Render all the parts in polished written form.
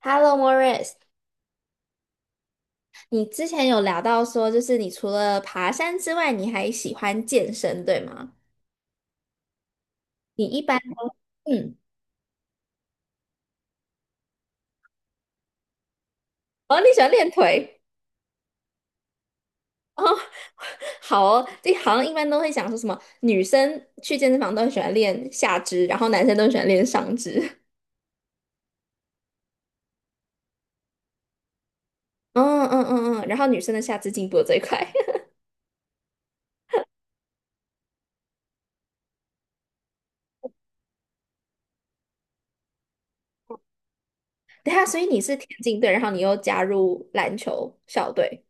Hello, Morris，你之前有聊到说，就是你除了爬山之外，你还喜欢健身，对吗？你一般都，嗯，哦，你喜欢练腿哦，好哦，这好像一般都会讲说什么，女生去健身房都很喜欢练下肢，然后男生都很喜欢练上肢，嗯嗯嗯嗯，然后女生的下肢进步的最快。等一下，所以你是田径队，然后你又加入篮球校队，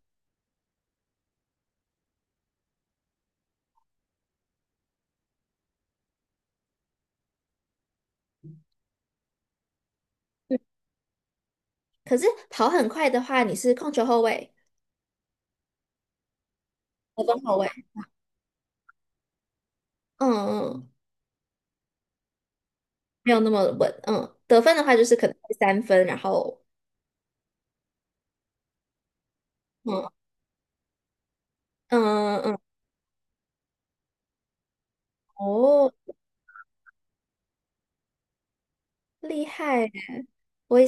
嗯，可是跑很快的话，你是控球后卫、得中后卫，嗯嗯。嗯没有那么稳。嗯，得分的话就是可能会三分，然后嗯嗯嗯，哦，厉害！我也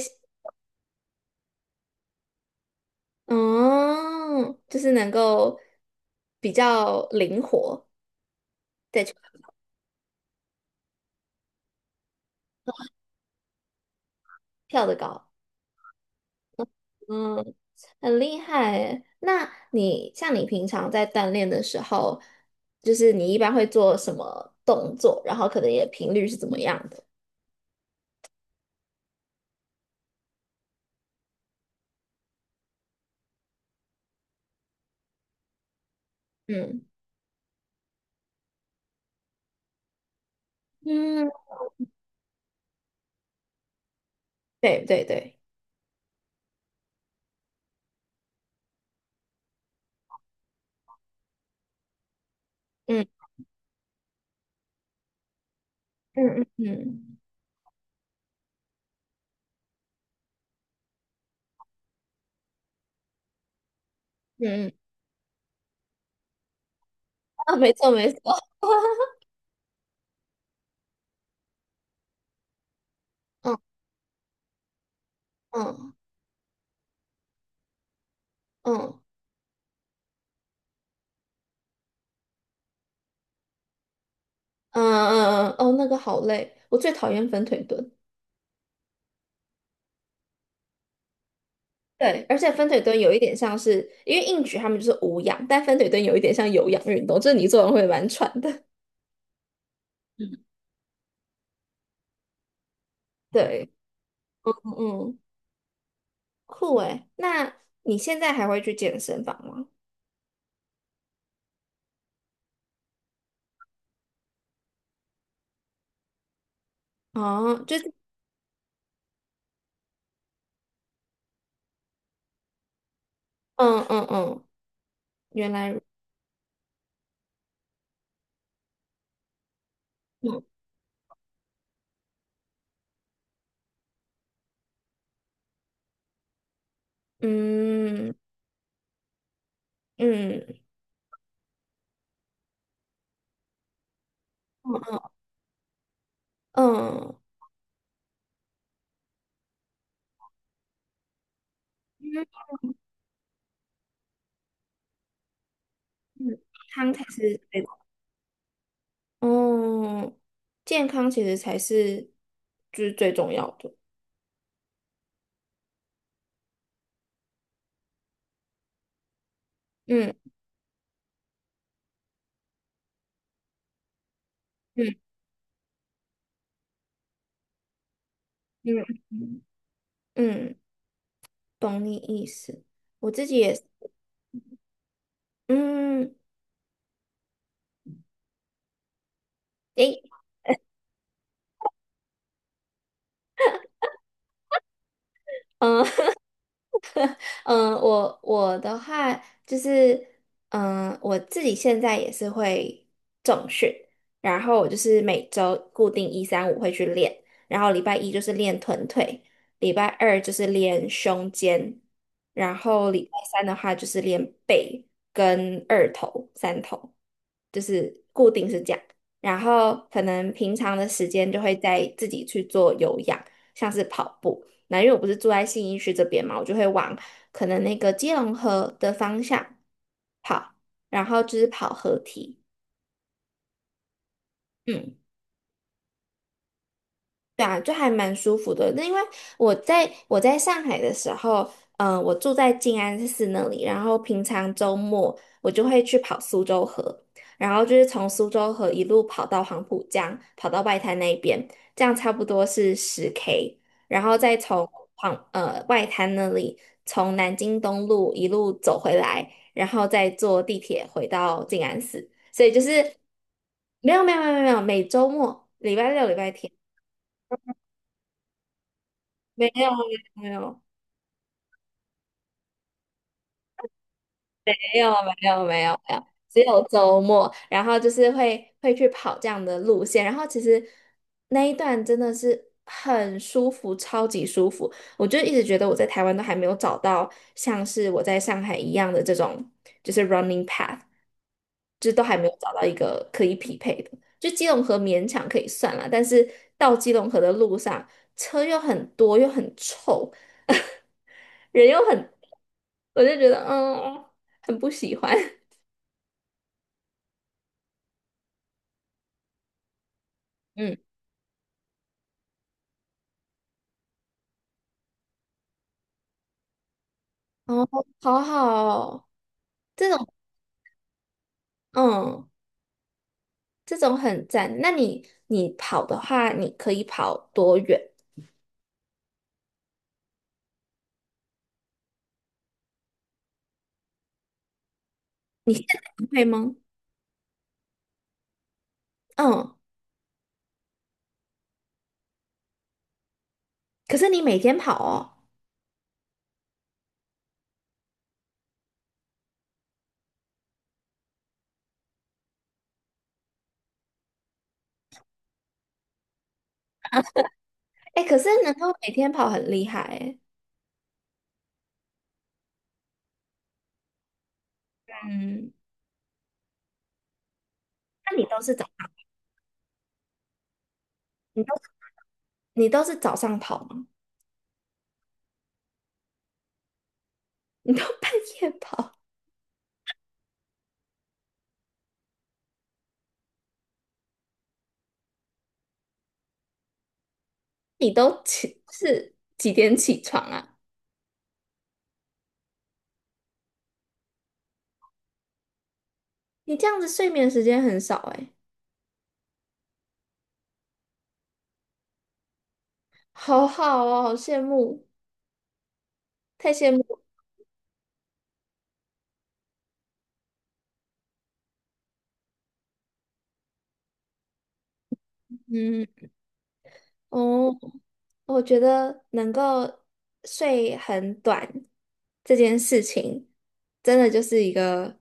嗯，就是能够比较灵活，对，跳得高，嗯，很厉害耶那你像你平常在锻炼的时候，就是你一般会做什么动作，然后可能也频率是怎么样的？嗯嗯，对对对，嗯嗯嗯嗯嗯嗯，啊，没错没错。嗯。嗯嗯嗯嗯嗯，嗯哦，那个好累，我最讨厌分腿蹲。对，而且分腿蹲有一点像是，因为硬举他们就是无氧，但分腿蹲有一点像有氧运动，就是你做完会蛮喘的。对，嗯，嗯酷诶。那你现在还会去健身房吗？哦，就是，嗯嗯嗯，原来如，嗯嗯嗯嗯嗯，嗯康才是最，嗯，健康其实才是就是最重要的。嗯。嗯嗯嗯，嗯，懂你意思。我自己也是嗯，诶，嗯 嗯、我的话就是，嗯、我自己现在也是会重训，然后我就是每周固定一三五会去练，然后礼拜一就是练臀腿，礼拜二就是练胸肩，然后礼拜三的话就是练背跟二头、三头。就是。是这样，然后可能平常的时间就会在自己去做有氧，像是跑步。那因为我不是住在信义区这边嘛，我就会往可能那个基隆河的方向跑，然后就是跑河堤。嗯。对啊，就还蛮舒服的。那因为我在上海的时候，嗯、我住在静安寺那里，然后平常周末我就会去跑苏州河，然后就是从苏州河一路跑到黄浦江，跑到外滩那边，这样差不多是10K，然后再从外滩那里从南京东路一路走回来，然后再坐地铁回到静安寺，所以就是没有没有没有没有，每周末礼拜六礼拜天。没有没有没有啊没有啊没有啊没有啊，只有周末，然后就是会会去跑这样的路线，然后其实那一段真的是很舒服，超级舒服。我就一直觉得我在台湾都还没有找到像是我在上海一样的这种就是 running path，就是都还没有找到一个可以匹配的。就基隆河勉强可以算了，但是到基隆河的路上车又很多又很臭。人又很，我就觉得嗯，很不喜欢。嗯，哦，好好哦，这种嗯，这种很赞。那你你跑的话，你可以跑多远？你现在会吗？嗯，可是你每天跑哦，哎，可是能够每天跑很厉害哎。嗯，那你都是早，你都你都是早上跑吗？你都半夜跑？你都起是几点起床啊？你这样子睡眠时间很少哎。好好哦，好羡慕，太羡慕了。嗯，哦，我觉得能够睡很短这件事情，真的就是一个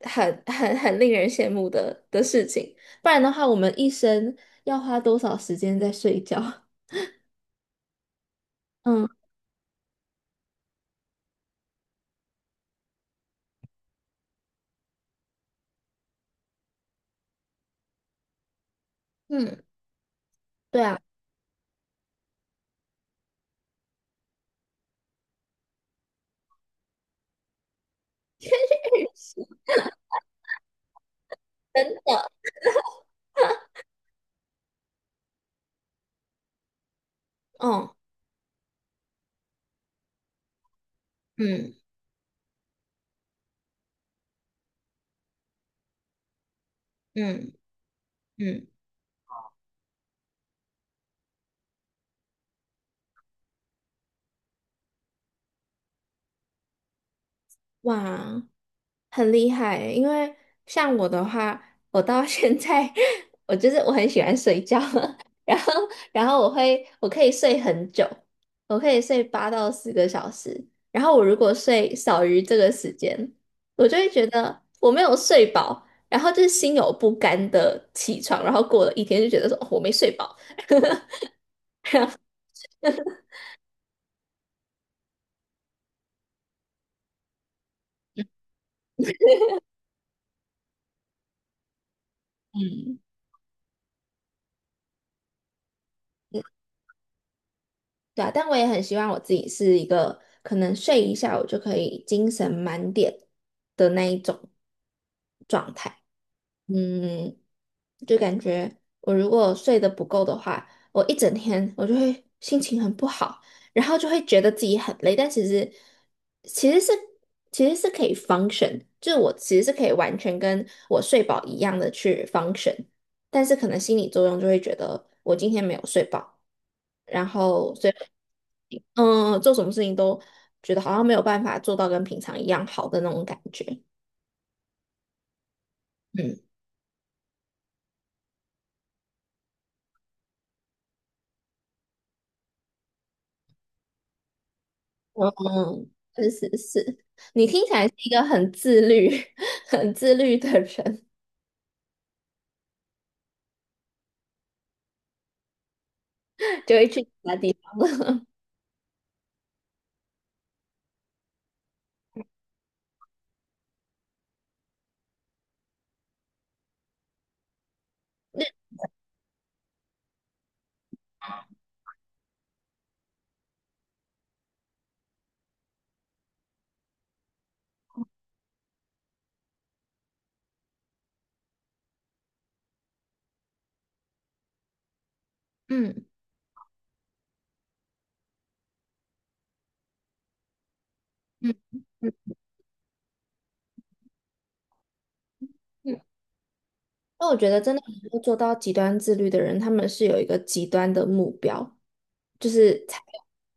很令人羡慕的事情。不然的话，我们一生要花多少时间在睡觉？嗯嗯，对啊，嗯嗯嗯嗯，哇。很厉害欸因为像我的话，我到现在 我就是我很喜欢睡觉，然后然后我可以睡很久，我可以睡8到10个小时，然后我如果睡少于这个时间，我就会觉得我没有睡饱，然后就是心有不甘的起床，然后过了一天就觉得说，哦我没睡饱。嗯。对啊，但我也很希望我自己是一个可能睡一下我就可以精神满点的那一种状态。嗯，就感觉我如果睡得不够的话，我一整天我就会心情很不好，然后就会觉得自己很累，但其实其实是其实是可以 function，就是我其实是可以完全跟我睡饱一样的去 function，但是可能心理作用就会觉得我今天没有睡饱，然后所以嗯，做什么事情都觉得好像没有办法做到跟平常一样好的那种感觉，嗯。嗯嗯，是是是，你听起来是一个很自律、很自律的人，就会去其他地方。嗯嗯嗯嗯，那我觉得真的能够做到极端自律的人，他们是有一个极端的目标，就是才有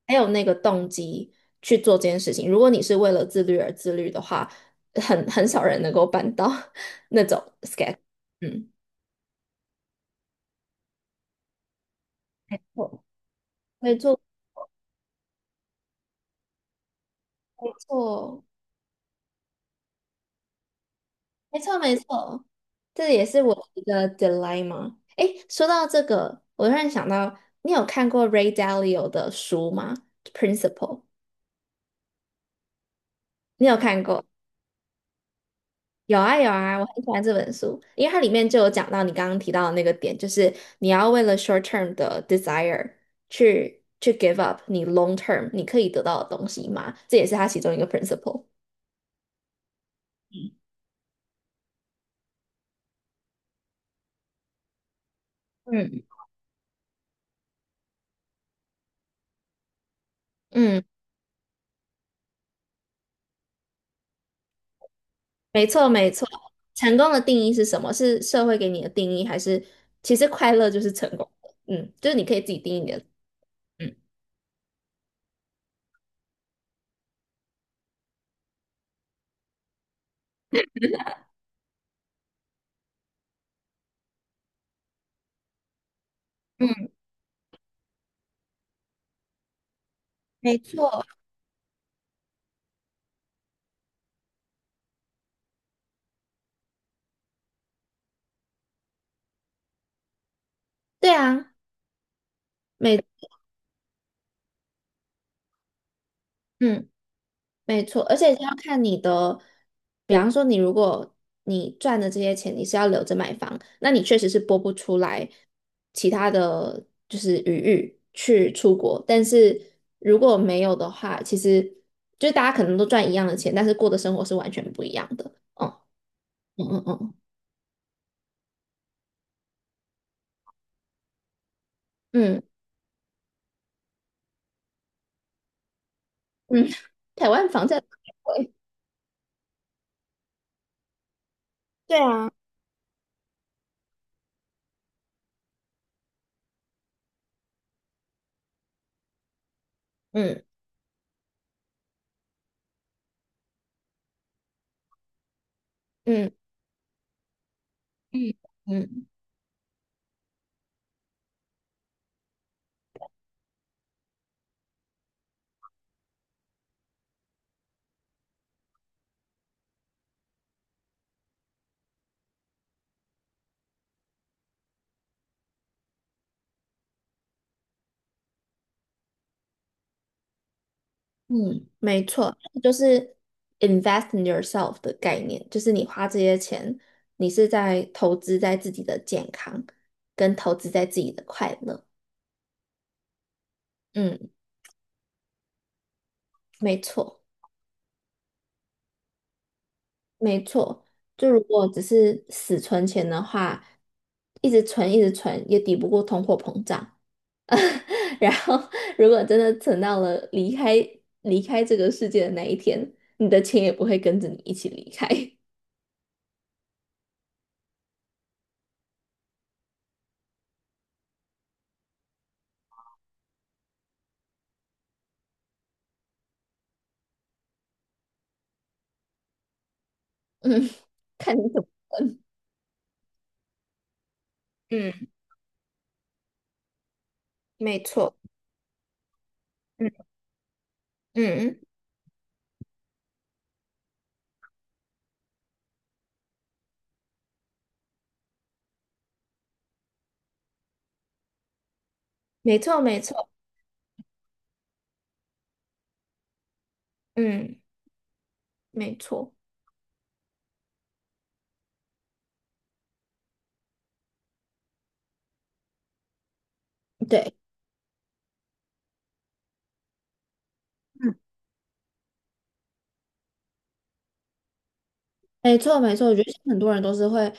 那个动机去做这件事情。如果你是为了自律而自律的话，很少人能够办到 那种 schedule。嗯，没错，没错，没错，没错。没错这也是我的一个 dilemma。诶，说到这个，我突然想到，你有看过 Ray Dalio 的书吗？Principle，你有看过？有啊有啊，我很喜欢这本书，因为它里面就有讲到你刚刚提到的那个点，就是你要为了 short term 的 desire 去 give up 你 long term 你可以得到的东西嘛，这也是它其中一个 principle。嗯，嗯。没错，没错。成功的定义是什么？是社会给你的定义，还是其实快乐就是成功的？嗯，就是你可以自己定义你的。嗯嗯，没错，对啊，没，嗯，没错。而且要看你的，比方说你如果你赚的这些钱你是要留着买房，那你确实是拨不出来其他的就是余裕去出国。但是如果没有的话，其实就是大家可能都赚一样的钱，但是过的生活是完全不一样的。嗯。嗯嗯嗯，嗯嗯，台湾房价贵，对啊，嗯嗯嗯嗯嗯，没错，就是 invest in yourself 的概念，就是你花这些钱，你是在投资在自己的健康，跟投资在自己的快乐。嗯，没错，没错。就如果只是死存钱的话，一直存一直存也抵不过通货膨胀，然后，如果真的存到了离开这个世界的那一天，你的钱也不会跟着你一起离开。嗯，看你怎么，嗯，没错，嗯嗯，没错没错，嗯，没错，对。没错，没错，我觉得现在很多人都是会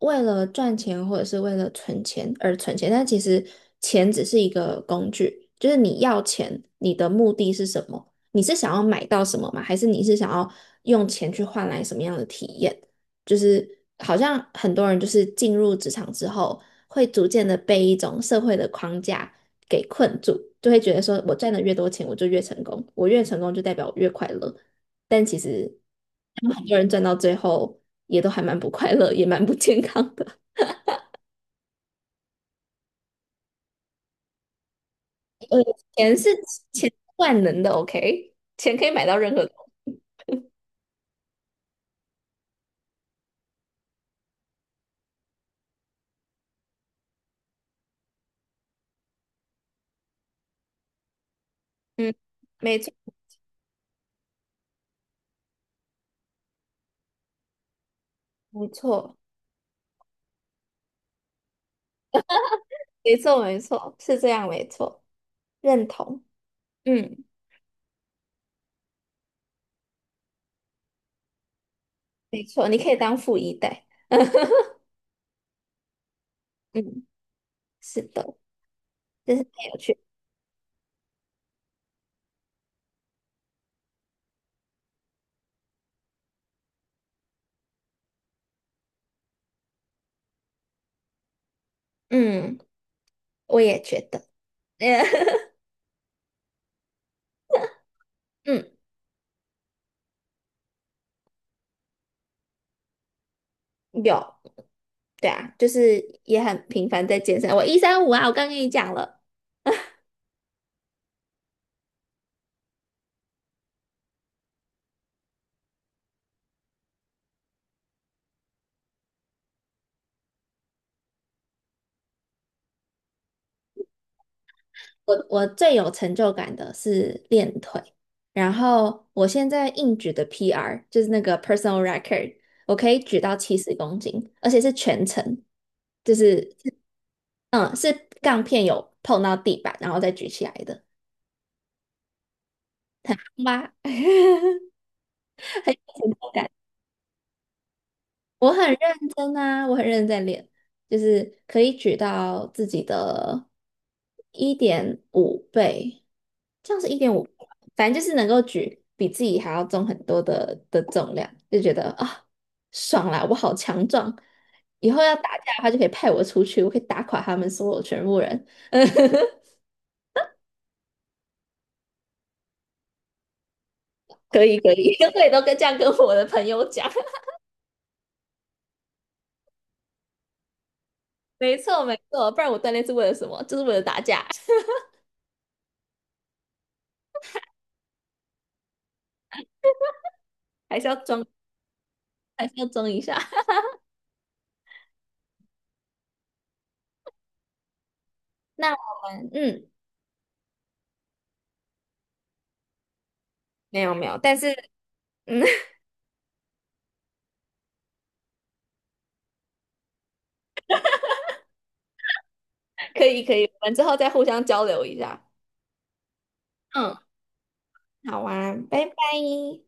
为了赚钱或者是为了存钱而存钱，但其实钱只是一个工具，就是你要钱，你的目的是什么？你是想要买到什么吗？还是你是想要用钱去换来什么样的体验？就是好像很多人就是进入职场之后，会逐渐的被一种社会的框架给困住，就会觉得说我赚的越多钱，我就越成功，我越成功就代表我越快乐。但其实他们很多人赚到最后也都还蛮不快乐，也蛮不健康的。呃，钱是钱万能的，OK，钱可以买到任何东西。嗯，没错，没错，没错，没错，是这样，没错，认同。嗯，没错，你可以当富一代。嗯，是的，这是太有趣。嗯，我也觉得。嗯，有，对啊，就是也很频繁在健身。我一三五啊，我刚跟你讲了。我最有成就感的是练腿，然后我现在硬举的 PR 就是那个 personal record，我可以举到70公斤，而且是全程，就是嗯是杠片有碰到地板，然后再举起来的 妈，很有成就感。我很认真啊，我很认真在练，就是可以举到自己的1.5倍，这样是一点五，反正就是能够举比自己还要重很多的重量，就觉得啊、爽啦，我好强壮！以后要打架的话，就可以派我出去，我可以打垮他们所有全部人。可以可以，我也都跟这样跟我的朋友讲。没错没错，不然我锻炼是为了什么？就是为了打架，还是要装，还是要装一下。那我们嗯，没有没有，但是嗯，可以可以，我们之后再互相交流一下。嗯，好啊，拜拜。